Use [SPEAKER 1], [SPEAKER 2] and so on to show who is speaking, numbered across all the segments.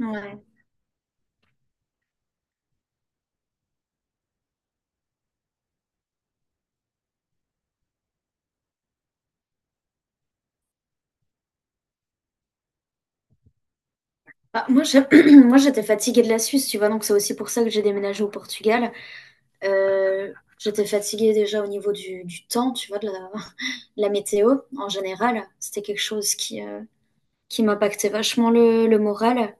[SPEAKER 1] Ouais. Bah, moi, moi, j'étais fatiguée de la Suisse, tu vois, donc c'est aussi pour ça que j'ai déménagé au Portugal. Euh, J'étais fatiguée déjà au niveau du temps, tu vois, de la, la météo en général. C'était quelque chose qui m'impactait vachement le moral.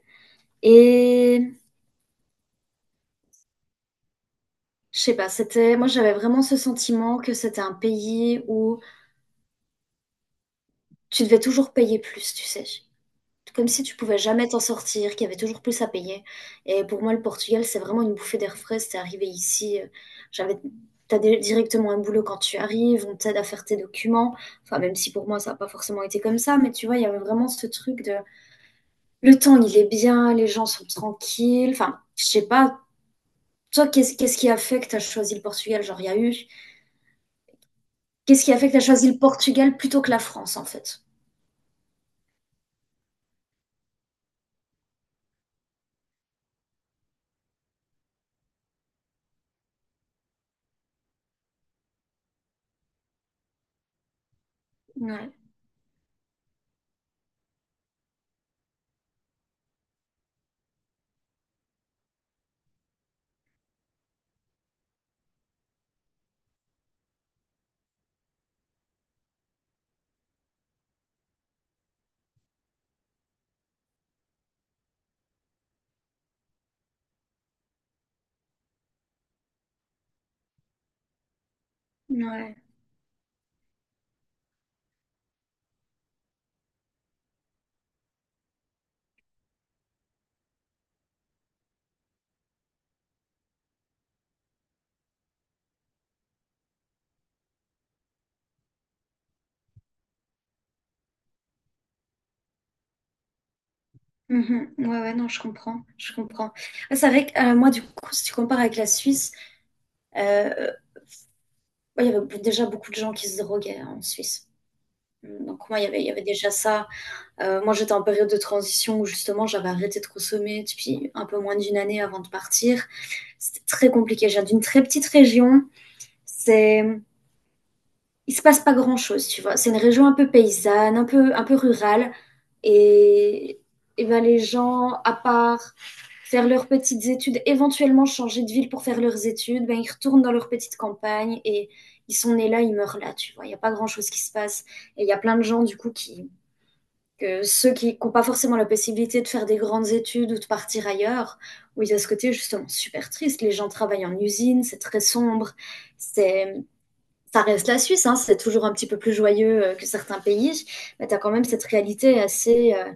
[SPEAKER 1] Et je sais pas, moi, j'avais vraiment ce sentiment que c'était un pays où tu devais toujours payer plus, tu sais. Comme si tu pouvais jamais t'en sortir, qu'il y avait toujours plus à payer. Et pour moi, le Portugal, c'est vraiment une bouffée d'air frais. C'est arrivé ici, j'avais, directement un boulot quand tu arrives, on t'aide à faire tes documents. Enfin, même si pour moi, ça n'a pas forcément été comme ça, mais tu vois, il y avait vraiment ce truc de le temps, il est bien, les gens sont tranquilles. Enfin, je sais pas. Toi, qu'est-ce qui a fait que tu as choisi le Portugal? Genre, il y a eu. Qu'est-ce qui a fait que tu as choisi le Portugal plutôt que la France, en fait? Ouais, ouais. Mhm. Ouais, ouais, non, je comprends, je comprends. Ah, c'est vrai que moi, du coup, si tu compares avec la Suisse, euh, ouais, il y avait déjà beaucoup de gens qui se droguaient hein, en Suisse. Mm, donc moi, il y avait déjà ça. Moi, j'étais en période de transition où justement, j'avais arrêté de consommer depuis un peu moins d'une année avant de partir. C'était très compliqué. Je viens d'une très petite région. Il se passe pas grand-chose, tu vois. C'est une région un peu paysanne, un peu rurale. Et, et ben les gens, à part faire leurs petites études, éventuellement changer de ville pour faire leurs études, ben ils retournent dans leur petite campagne et ils sont nés là, ils meurent là, tu vois. Il n'y a pas grand-chose qui se passe. Et il y a plein de gens, du coup, que ceux qui n'ont pas forcément la possibilité de faire des grandes études ou de partir ailleurs, où il y a ce côté justement super triste. Les gens travaillent en usine, c'est très sombre, c'est ça reste la Suisse, hein, c'est toujours un petit peu plus joyeux que certains pays, mais tu as quand même cette réalité assez.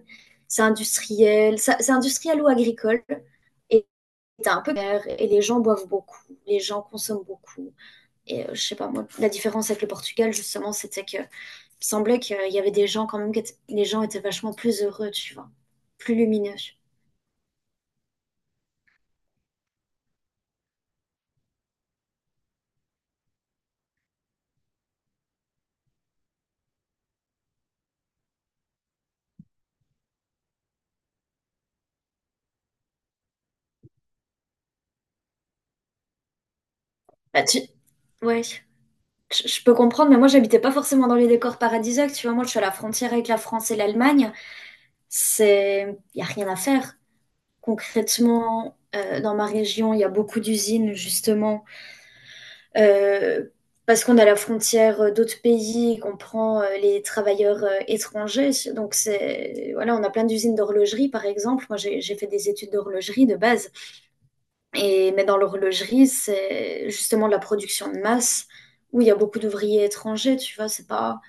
[SPEAKER 1] C'est industriel, c'est industriel ou agricole, et t'as un peu d'air, et les gens boivent beaucoup, les gens consomment beaucoup. Et je sais pas, moi, la différence avec le Portugal, justement, c'était que il me semblait qu'il y avait des gens quand même, que les gens étaient vachement plus heureux, tu vois, plus lumineux. Bah, tu... Ouais. Je peux comprendre, mais moi j'habitais pas forcément dans les décors paradisiaques, tu vois. Moi je suis à la frontière avec la France et l'Allemagne. C'est, il n'y a rien à faire. Concrètement, dans ma région, il y a beaucoup d'usines, justement, euh, parce qu'on a la frontière d'autres pays, qu'on prend les travailleurs étrangers. Donc, c'est, voilà, on a plein d'usines d'horlogerie, par exemple. Moi, j'ai fait des études d'horlogerie de base. Et, mais dans l'horlogerie, c'est justement de la production de masse où il y a beaucoup d'ouvriers étrangers, tu vois. C'est pas,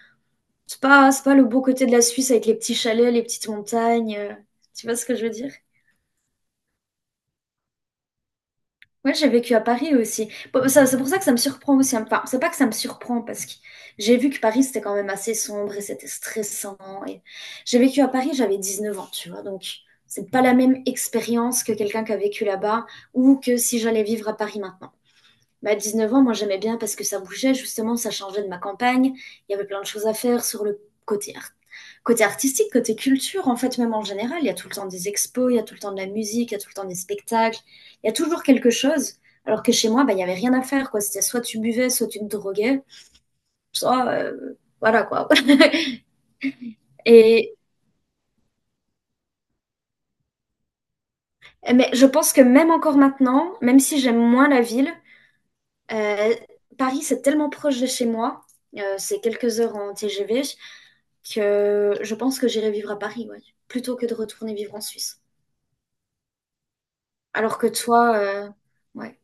[SPEAKER 1] c'est pas, C'est pas le beau côté de la Suisse avec les petits chalets, les petites montagnes. Tu vois ce que je veux dire? Ouais, j'ai vécu à Paris aussi. Bon, c'est pour ça que ça me surprend aussi. Hein. Enfin, c'est pas que ça me surprend parce que j'ai vu que Paris c'était quand même assez sombre et c'était stressant. Et j'ai vécu à Paris, j'avais 19 ans, tu vois. Donc, c'est pas la même expérience que quelqu'un qui a vécu là-bas ou que si j'allais vivre à Paris maintenant. Bah, 19 ans, moi j'aimais bien parce que ça bougeait, justement, ça changeait de ma campagne. Il y avait plein de choses à faire sur le côté, côté artistique, côté culture, en fait, même en général. Il y a tout le temps des expos, il y a tout le temps de la musique, il y a tout le temps des spectacles. Il y a toujours quelque chose. Alors que chez moi, bah, il n'y avait rien à faire, quoi. C'était soit tu buvais, soit tu te droguais, soit. Voilà, quoi. Et, mais je pense que même encore maintenant, même si j'aime moins la ville, euh, Paris, c'est tellement proche de chez moi. C'est quelques heures en TGV que je pense que j'irai vivre à Paris, ouais, plutôt que de retourner vivre en Suisse. Alors que toi, ouais,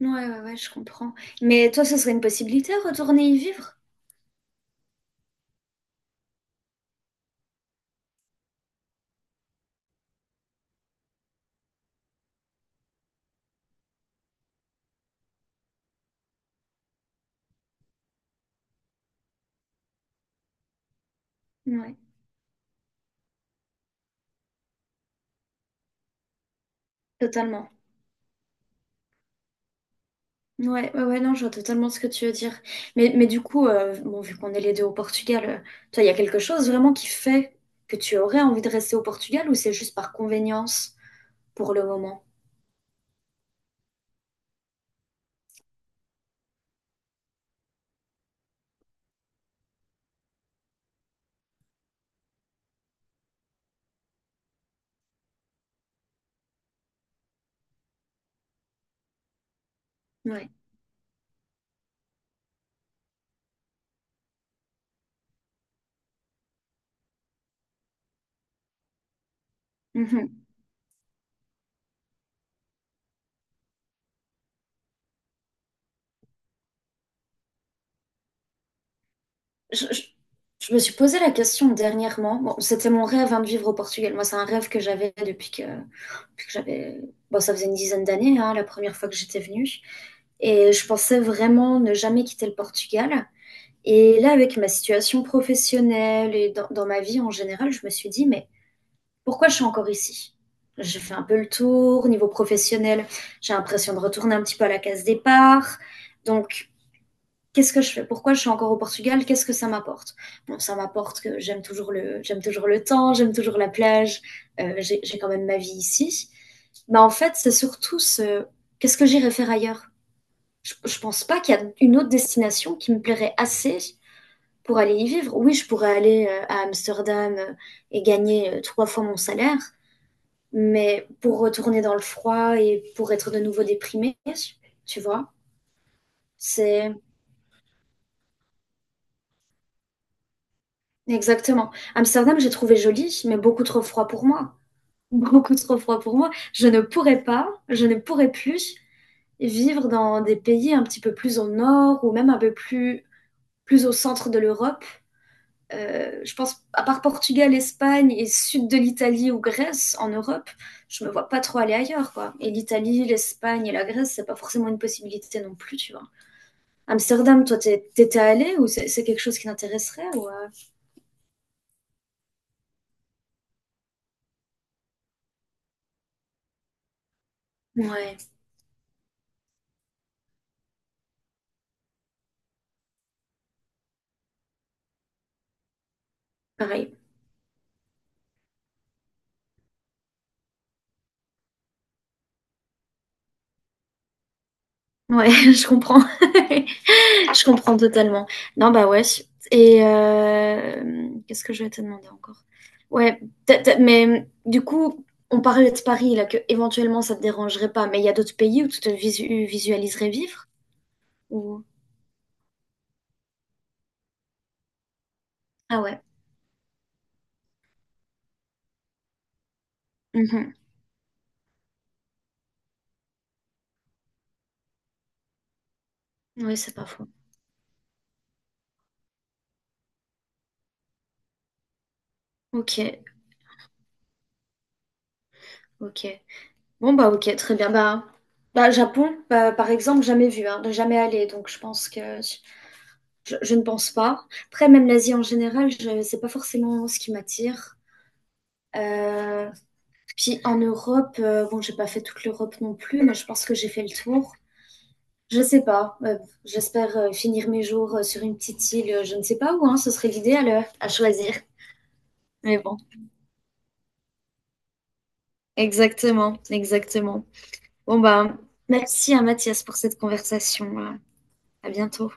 [SPEAKER 1] ouais, ouais, ouais, je comprends. Mais toi, ce serait une possibilité, retourner y vivre? Ouais, totalement. Ouais, ouais, ouais, non, je vois totalement ce que tu veux dire. Mais du coup, bon, vu qu'on est les deux au Portugal, toi, il y a quelque chose vraiment qui fait que tu aurais envie de rester au Portugal ou c'est juste par convenience pour le moment? Ouais. Mhm. Je, je- je me suis posé la question dernièrement. Bon, c'était mon rêve hein, de vivre au Portugal. Moi, c'est un rêve que j'avais depuis que j'avais. Bon, ça faisait une dizaine d'années, hein, la première fois que j'étais venue. Et je pensais vraiment ne jamais quitter le Portugal. Et là, avec ma situation professionnelle et dans ma vie en général, je me suis dit, mais pourquoi je suis encore ici? J'ai fait un peu le tour. Niveau professionnel, j'ai l'impression de retourner un petit peu à la case départ. Donc, qu'est-ce que je fais? Pourquoi je suis encore au Portugal? Qu'est-ce que ça m'apporte? Bon, ça m'apporte que j'aime toujours le temps, j'aime toujours la plage, j'ai quand même ma vie ici. Mais en fait, c'est surtout qu'est-ce que j'irai faire ailleurs? Je ne pense pas qu'il y a une autre destination qui me plairait assez pour aller y vivre. Oui, je pourrais aller à Amsterdam et gagner 3 fois mon salaire, mais pour retourner dans le froid et pour être de nouveau déprimée, tu vois, c'est exactement. Amsterdam, j'ai trouvé joli, mais beaucoup trop froid pour moi. Beaucoup trop froid pour moi. Je ne pourrais pas, je ne pourrais plus vivre dans des pays un petit peu plus au nord ou même un peu plus, plus au centre de l'Europe. Je pense, à part Portugal, Espagne et sud de l'Italie ou Grèce en Europe, je me vois pas trop aller ailleurs, quoi. Et l'Italie, l'Espagne et la Grèce, c'est pas forcément une possibilité non plus, tu vois. Amsterdam, toi, t'étais allée ou c'est quelque chose qui t'intéresserait ou ouais, pareil. Ouais, je comprends. Je comprends totalement. Non, bah ouais. Et qu'est-ce que je vais te demander encore? Ouais, mais du coup, on parlait de Paris, là, que éventuellement ça te dérangerait pas, mais il y a d'autres pays où tu te visualiserais vivre? Ou... Ah ouais. Mhm. Oui, c'est pas faux. Ok, ok. Bon, bah ok, très bien. Bah, bah Japon, bah, par exemple, jamais vu, hein, jamais allé, donc je pense que je ne pense pas. Après, même l'Asie en général, c'est pas forcément ce qui m'attire. Euh, Puis en Europe, bon, j'ai pas fait toute l'Europe non plus, mais je pense que j'ai fait le tour. Je sais pas. J'espère finir mes jours sur une petite île, je ne sais pas où, hein, ce serait l'idéal à choisir. Mais bon, exactement, exactement. Bon bah, merci à Mathias pour cette conversation. À bientôt.